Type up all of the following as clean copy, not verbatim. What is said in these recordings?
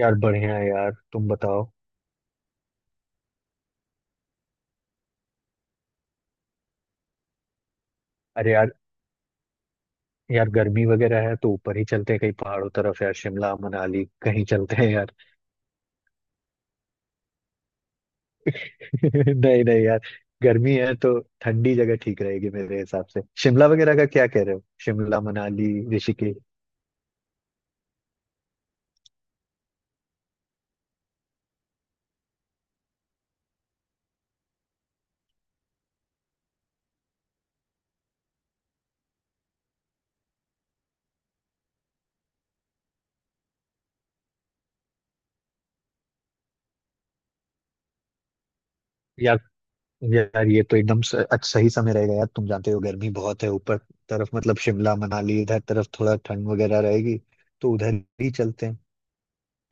यार बढ़िया है यार तुम बताओ। अरे यार। यार गर्मी वगैरह है तो ऊपर ही चलते हैं कहीं पहाड़ों तरफ यार शिमला मनाली कहीं चलते हैं यार। नहीं नहीं यार। गर्मी है तो ठंडी जगह ठीक रहेगी मेरे हिसाब से। शिमला वगैरह का क्या कह रहे हो? शिमला मनाली ऋषिकेश। यार यार ये तो एकदम अच्छा सही समय रहेगा यार तुम जानते हो गर्मी बहुत है ऊपर तरफ मतलब। शिमला मनाली इधर तरफ थोड़ा ठंड वगैरह रहेगी तो उधर ही चलते हैं।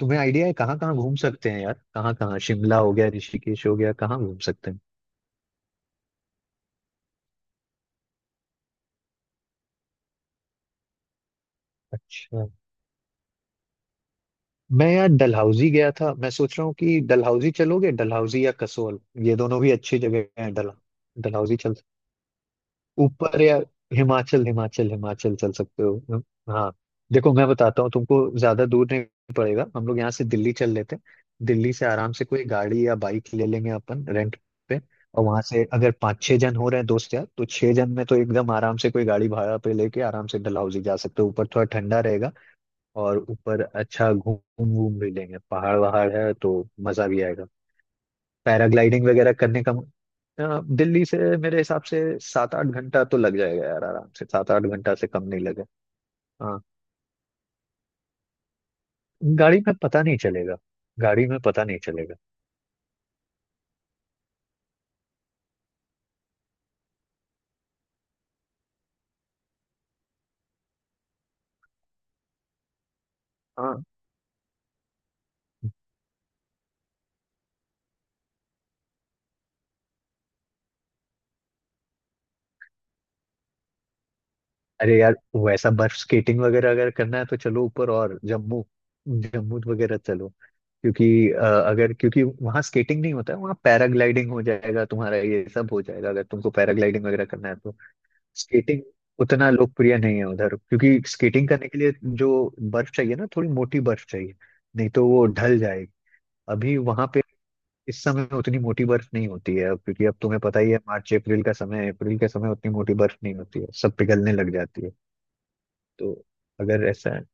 तुम्हें आइडिया है कहाँ कहाँ घूम सकते हैं यार? कहाँ कहाँ? शिमला हो गया ऋषिकेश हो गया कहाँ घूम सकते हैं? अच्छा। मैं यार डलहौजी गया था। मैं सोच रहा हूँ कि डलहौजी चलोगे, डलहौजी या कसोल। ये दोनों भी अच्छी जगह हैं। डल डलहौजी चल ऊपर या हिमाचल, हिमाचल हिमाचल चल सकते हो हाँ। देखो मैं बताता हूँ तुमको, ज्यादा दूर नहीं पड़ेगा। हम लोग यहाँ से दिल्ली चल लेते हैं। दिल्ली से आराम से कोई गाड़ी या बाइक ले लेंगे अपन रेंट पे। और वहां से अगर पाँच छह जन हो रहे हैं दोस्त यार तो छह जन में तो एकदम आराम से कोई गाड़ी भाड़ा पे लेके आराम से डलहौजी जा सकते हो। ऊपर थोड़ा ठंडा रहेगा और ऊपर अच्छा घूम घूम भी लेंगे, पहाड़ वहाड़ है तो मजा भी आएगा। पैराग्लाइडिंग वगैरह करने का। दिल्ली से मेरे हिसाब से 7 8 घंटा तो लग जाएगा यार। आराम से 7 8 घंटा से कम नहीं लगेगा। हाँ। गाड़ी में पता नहीं चलेगा। गाड़ी में पता नहीं चलेगा। हाँ। अरे यार वैसा बर्फ स्केटिंग वगैरह अगर करना है तो चलो ऊपर और जम्मू, जम्मू वगैरह चलो। क्योंकि अगर क्योंकि वहाँ स्केटिंग नहीं होता है, वहाँ पैराग्लाइडिंग हो जाएगा तुम्हारा, ये सब हो जाएगा अगर तुमको पैराग्लाइडिंग वगैरह करना है तो। स्केटिंग उतना लोकप्रिय नहीं है उधर, क्योंकि स्केटिंग करने के लिए जो बर्फ चाहिए ना थोड़ी मोटी बर्फ चाहिए, नहीं तो वो ढल जाएगी। अभी वहां पे इस समय उतनी मोटी बर्फ नहीं होती है अब, क्योंकि अब तुम्हें पता ही है मार्च अप्रैल का समय है, अप्रैल के समय उतनी मोटी बर्फ नहीं होती है, सब पिघलने लग जाती है तो अगर ऐसा है।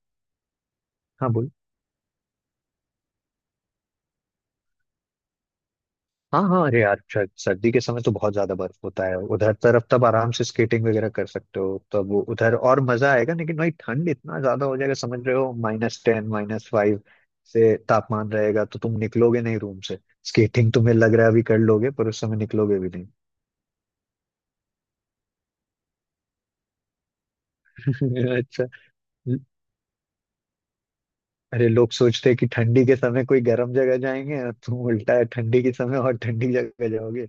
हाँ बोल। हाँ हाँ अरे यार सर्दी के समय तो बहुत ज्यादा बर्फ होता है उधर तरफ, तब आराम से स्केटिंग वगैरह कर सकते हो, तब वो उधर और मजा आएगा। लेकिन भाई ठंड इतना ज्यादा हो जाएगा समझ रहे हो, -10 -5 से तापमान रहेगा, तो तुम निकलोगे नहीं रूम से। स्केटिंग तुम्हें लग रहा है अभी कर लोगे, पर उस समय निकलोगे भी नहीं। अच्छा। अरे लोग सोचते हैं कि ठंडी के समय कोई गर्म जगह जाएंगे, तुम उल्टा है, ठंडी के समय और ठंडी जगह जाओगे।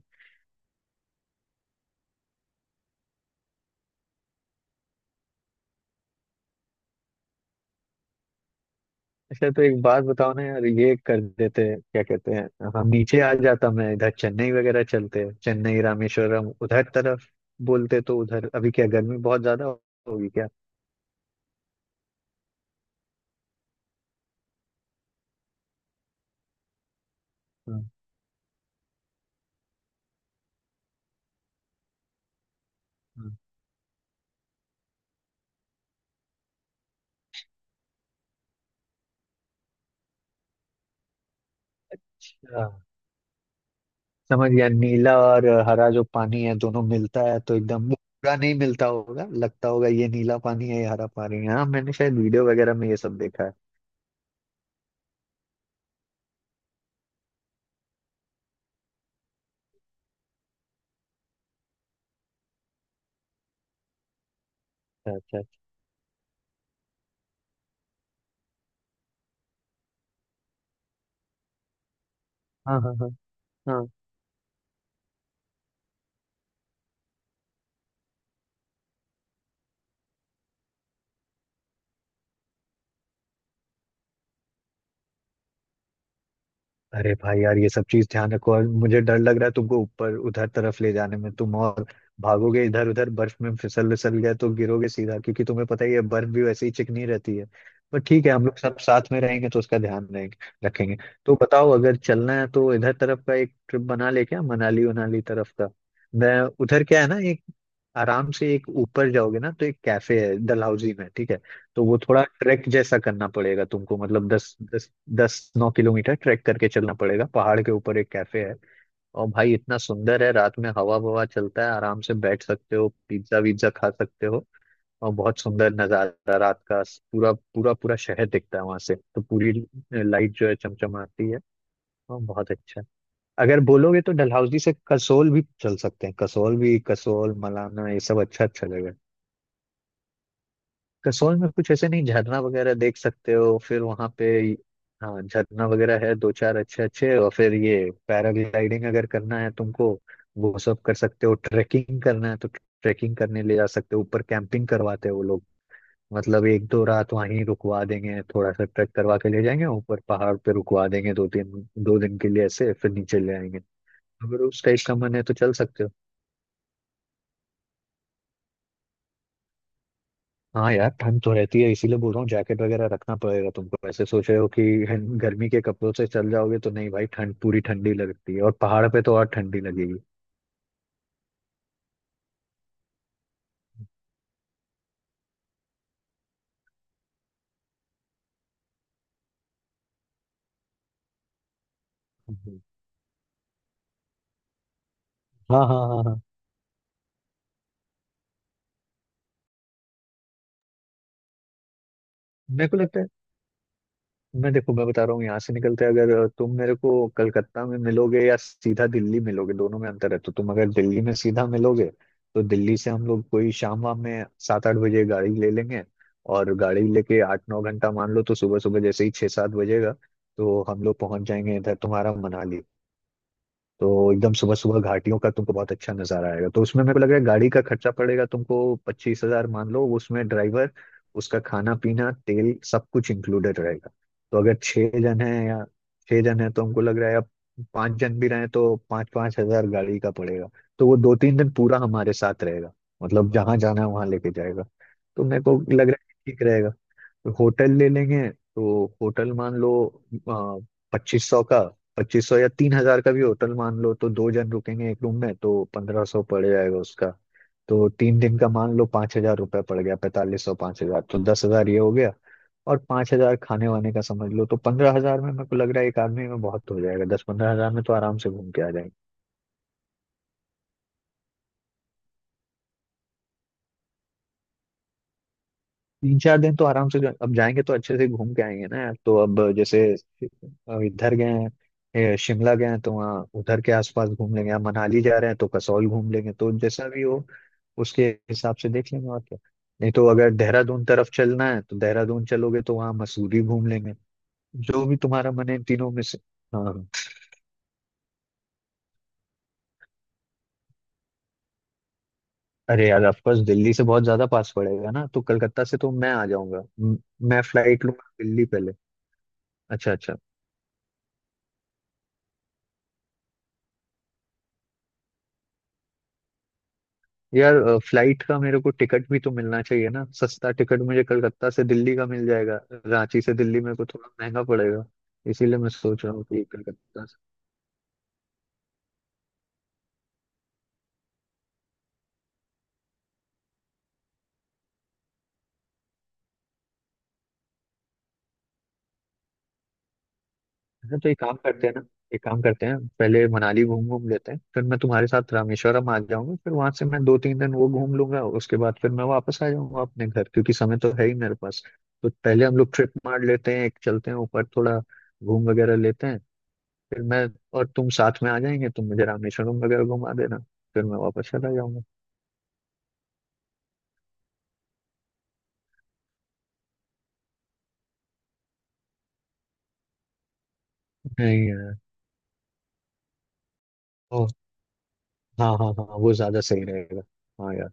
अच्छा तो एक बात बताओ ना यार, ये कर देते क्या कहते हैं, हम नीचे आ जाता मैं, इधर चेन्नई वगैरह चलते, चेन्नई रामेश्वरम उधर तरफ बोलते तो, उधर अभी क्या गर्मी बहुत ज्यादा होगी क्या? हम्म। हम्म। अच्छा, समझ गया। नीला और हरा जो पानी है दोनों मिलता है तो एकदम पूरा नहीं मिलता होगा, लगता होगा ये नीला पानी है ये हरा पानी है। हाँ मैंने शायद वीडियो वगैरह में ये सब देखा है। अच्छा अच्छा। हाँ हाँ हाँ हाँ। अरे भाई यार ये सब चीज ध्यान रखो। और मुझे डर लग रहा है तुमको ऊपर उधर तरफ ले जाने में। तुम और भागोगे इधर उधर, बर्फ में फिसल विसल गए तो गिरोगे सीधा, क्योंकि तुम्हें पता ही है बर्फ भी वैसे ही चिकनी रहती है। पर ठीक है हम लोग सब साथ में रहेंगे तो उसका ध्यान रहेंगे रखेंगे। तो बताओ, अगर चलना है तो इधर तरफ का एक ट्रिप बना ले क्या, मनाली उनाली तरफ का। मैं उधर क्या है ना, आराम से एक ऊपर जाओगे ना तो एक कैफे है डलहौजी में, ठीक है। तो वो थोड़ा ट्रैक जैसा करना पड़ेगा तुमको, मतलब दस दस, 10 9 किलोमीटर ट्रैक करके चलना पड़ेगा, पहाड़ के ऊपर एक कैफे है। और भाई इतना सुंदर है, रात में हवा ववा चलता है, आराम से बैठ सकते हो, पिज्जा विज्जा खा सकते हो। और बहुत सुंदर नजारा रात का, पूरा पूरा पूरा शहर दिखता है वहां से, तो पूरी लाइट जो है चमचमाती है। और बहुत अच्छा है। अगर बोलोगे तो डलहौजी से कसोल भी चल सकते हैं, कसोल भी, कसोल मलाना ये सब अच्छा अच्छा जगह है। कसौल में कुछ ऐसे नहीं, झरना वगैरह देख सकते हो फिर वहां पे। हाँ झरना वगैरह है दो चार, अच्छे अच्छे। और फिर ये पैराग्लाइडिंग अगर करना है तुमको वो सब कर सकते हो। ट्रैकिंग करना है तो ट्रैकिंग करने ले जा सकते हो ऊपर। कैंपिंग करवाते हैं वो लोग। मतलब 1 2 रात वहीं रुकवा देंगे, थोड़ा सा ट्रैक करवा के ले जाएंगे ऊपर पहाड़ पे, रुकवा देंगे दो तीन, 2 दिन के लिए ऐसे, फिर नीचे ले आएंगे। अगर उस टाइप का मन है तो चल सकते हो। हाँ यार ठंड तो रहती है, इसीलिए बोल रहा हूँ जैकेट वगैरह रखना पड़ेगा तुमको। ऐसे सोच रहे हो कि गर्मी के कपड़ों से चल जाओगे तो नहीं भाई, ठंड पूरी ठंडी लगती है, और पहाड़ पे तो और ठंडी लगेगी। हम्म। हाँ हाँ हाँ हाँ। मेरे को लगता है, मैं देखो मैं बता रहा हूँ, यहाँ से निकलते हैं, अगर तुम मेरे को कलकत्ता में मिलोगे या सीधा दिल्ली मिलोगे, दोनों में अंतर है, तो तुम अगर दिल्ली में सीधा मिलोगे तो दिल्ली से हम लोग कोई शाम वाम में 7 8 बजे गाड़ी ले लेंगे, और गाड़ी लेके 8 9 घंटा मान लो तो सुबह सुबह जैसे ही 6 7 बजेगा तो हम लोग पहुंच जाएंगे इधर तुम्हारा मनाली। तो एकदम सुबह सुबह घाटियों का तुमको बहुत अच्छा नजारा आएगा। तो उसमें मेरे को लग रहा है गाड़ी का खर्चा पड़ेगा तुमको 25,000 मान लो। उसमें ड्राइवर, उसका खाना पीना तेल सब कुछ इंक्लूडेड रहेगा। तो अगर छह जन है, या छह जन है तो हमको लग रहा है अब, पांच जन भी रहे तो 5,000 5,000 गाड़ी का पड़ेगा। तो वो 2 3 दिन पूरा हमारे साथ रहेगा, मतलब जहां जाना है वहां लेके जाएगा। तो मेरे को लग रहा है ठीक रहेगा। होटल ले लेंगे। तो होटल मान लो 2,500 का, 2,500 या 3,000 का भी होटल मान लो, तो दो जन रुकेंगे एक रूम में तो 1,500 पड़ जाएगा उसका। तो 3 दिन का मान लो 5,000 रुपये पड़ गया, 4,500 5,000, तो 10,000 ये हो गया और 5,000 खाने वाने का समझ लो, तो 15,000 में मेरे को लग रहा है एक आदमी में बहुत हो जाएगा। 10-15,000 में तो आराम से घूम के आ जाएंगे। 3 4 दिन तो आराम से अब जाएंगे तो अच्छे से घूम के आएंगे ना यार। तो अब जैसे अब इधर गए हैं, शिमला गए हैं तो वहाँ उधर के आसपास घूम लेंगे। अब मनाली जा रहे हैं तो कसौल घूम लेंगे, तो जैसा भी हो उसके हिसाब से देख लेंगे और क्या। नहीं तो अगर देहरादून तरफ चलना है तो देहरादून चलोगे तो वहाँ मसूरी घूम लेंगे। जो भी तुम्हारा मन है इन तीनों में से। हाँ हाँ। अरे यार ऑफकोर्स दिल्ली से बहुत ज्यादा पास पड़ेगा ना, तो कलकत्ता से तो मैं आ जाऊंगा मैं फ्लाइट लूंगा दिल्ली पहले। अच्छा अच्छा। यार फ्लाइट का मेरे को टिकट भी तो मिलना चाहिए ना, सस्ता टिकट। मुझे कलकत्ता से दिल्ली का मिल जाएगा। रांची से दिल्ली मेरे को थोड़ा महंगा पड़ेगा, इसीलिए मैं सोच रहा हूँ कि कलकत्ता से। हाँ, तो एक काम करते हैं ना, एक काम करते हैं, पहले मनाली घूम घूम लेते हैं, फिर मैं तुम्हारे साथ रामेश्वरम आ जाऊंगा। फिर वहां से मैं दो तीन दिन वो घूम लूंगा, उसके बाद फिर मैं वापस आ जाऊंगा अपने घर, क्योंकि समय तो है ही मेरे पास। तो पहले हम लोग ट्रिप मार लेते हैं एक, चलते हैं ऊपर थोड़ा घूम वगैरह लेते हैं। फिर मैं और तुम साथ में आ जाएंगे, तुम मुझे रामेश्वरम वगैरह घुमा देना, फिर मैं वापस चला जाऊंगा। नहीं यार। ओ हाँ हाँ हाँ वो ज्यादा सही रहेगा। हाँ यार।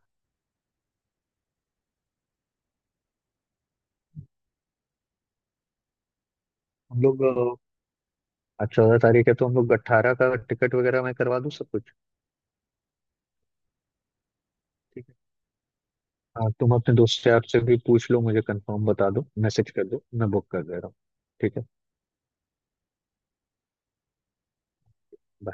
हम लोग आज 14 तारीख है, तो हम लोग 18 का टिकट वगैरह मैं करवा दूँ सब कुछ। ठीक है। हाँ तुम अपने दोस्त यार से भी पूछ लो, मुझे कंफर्म बता दो, मैसेज कर दो, मैं बुक कर दे रहा हूँ। ठीक है bye।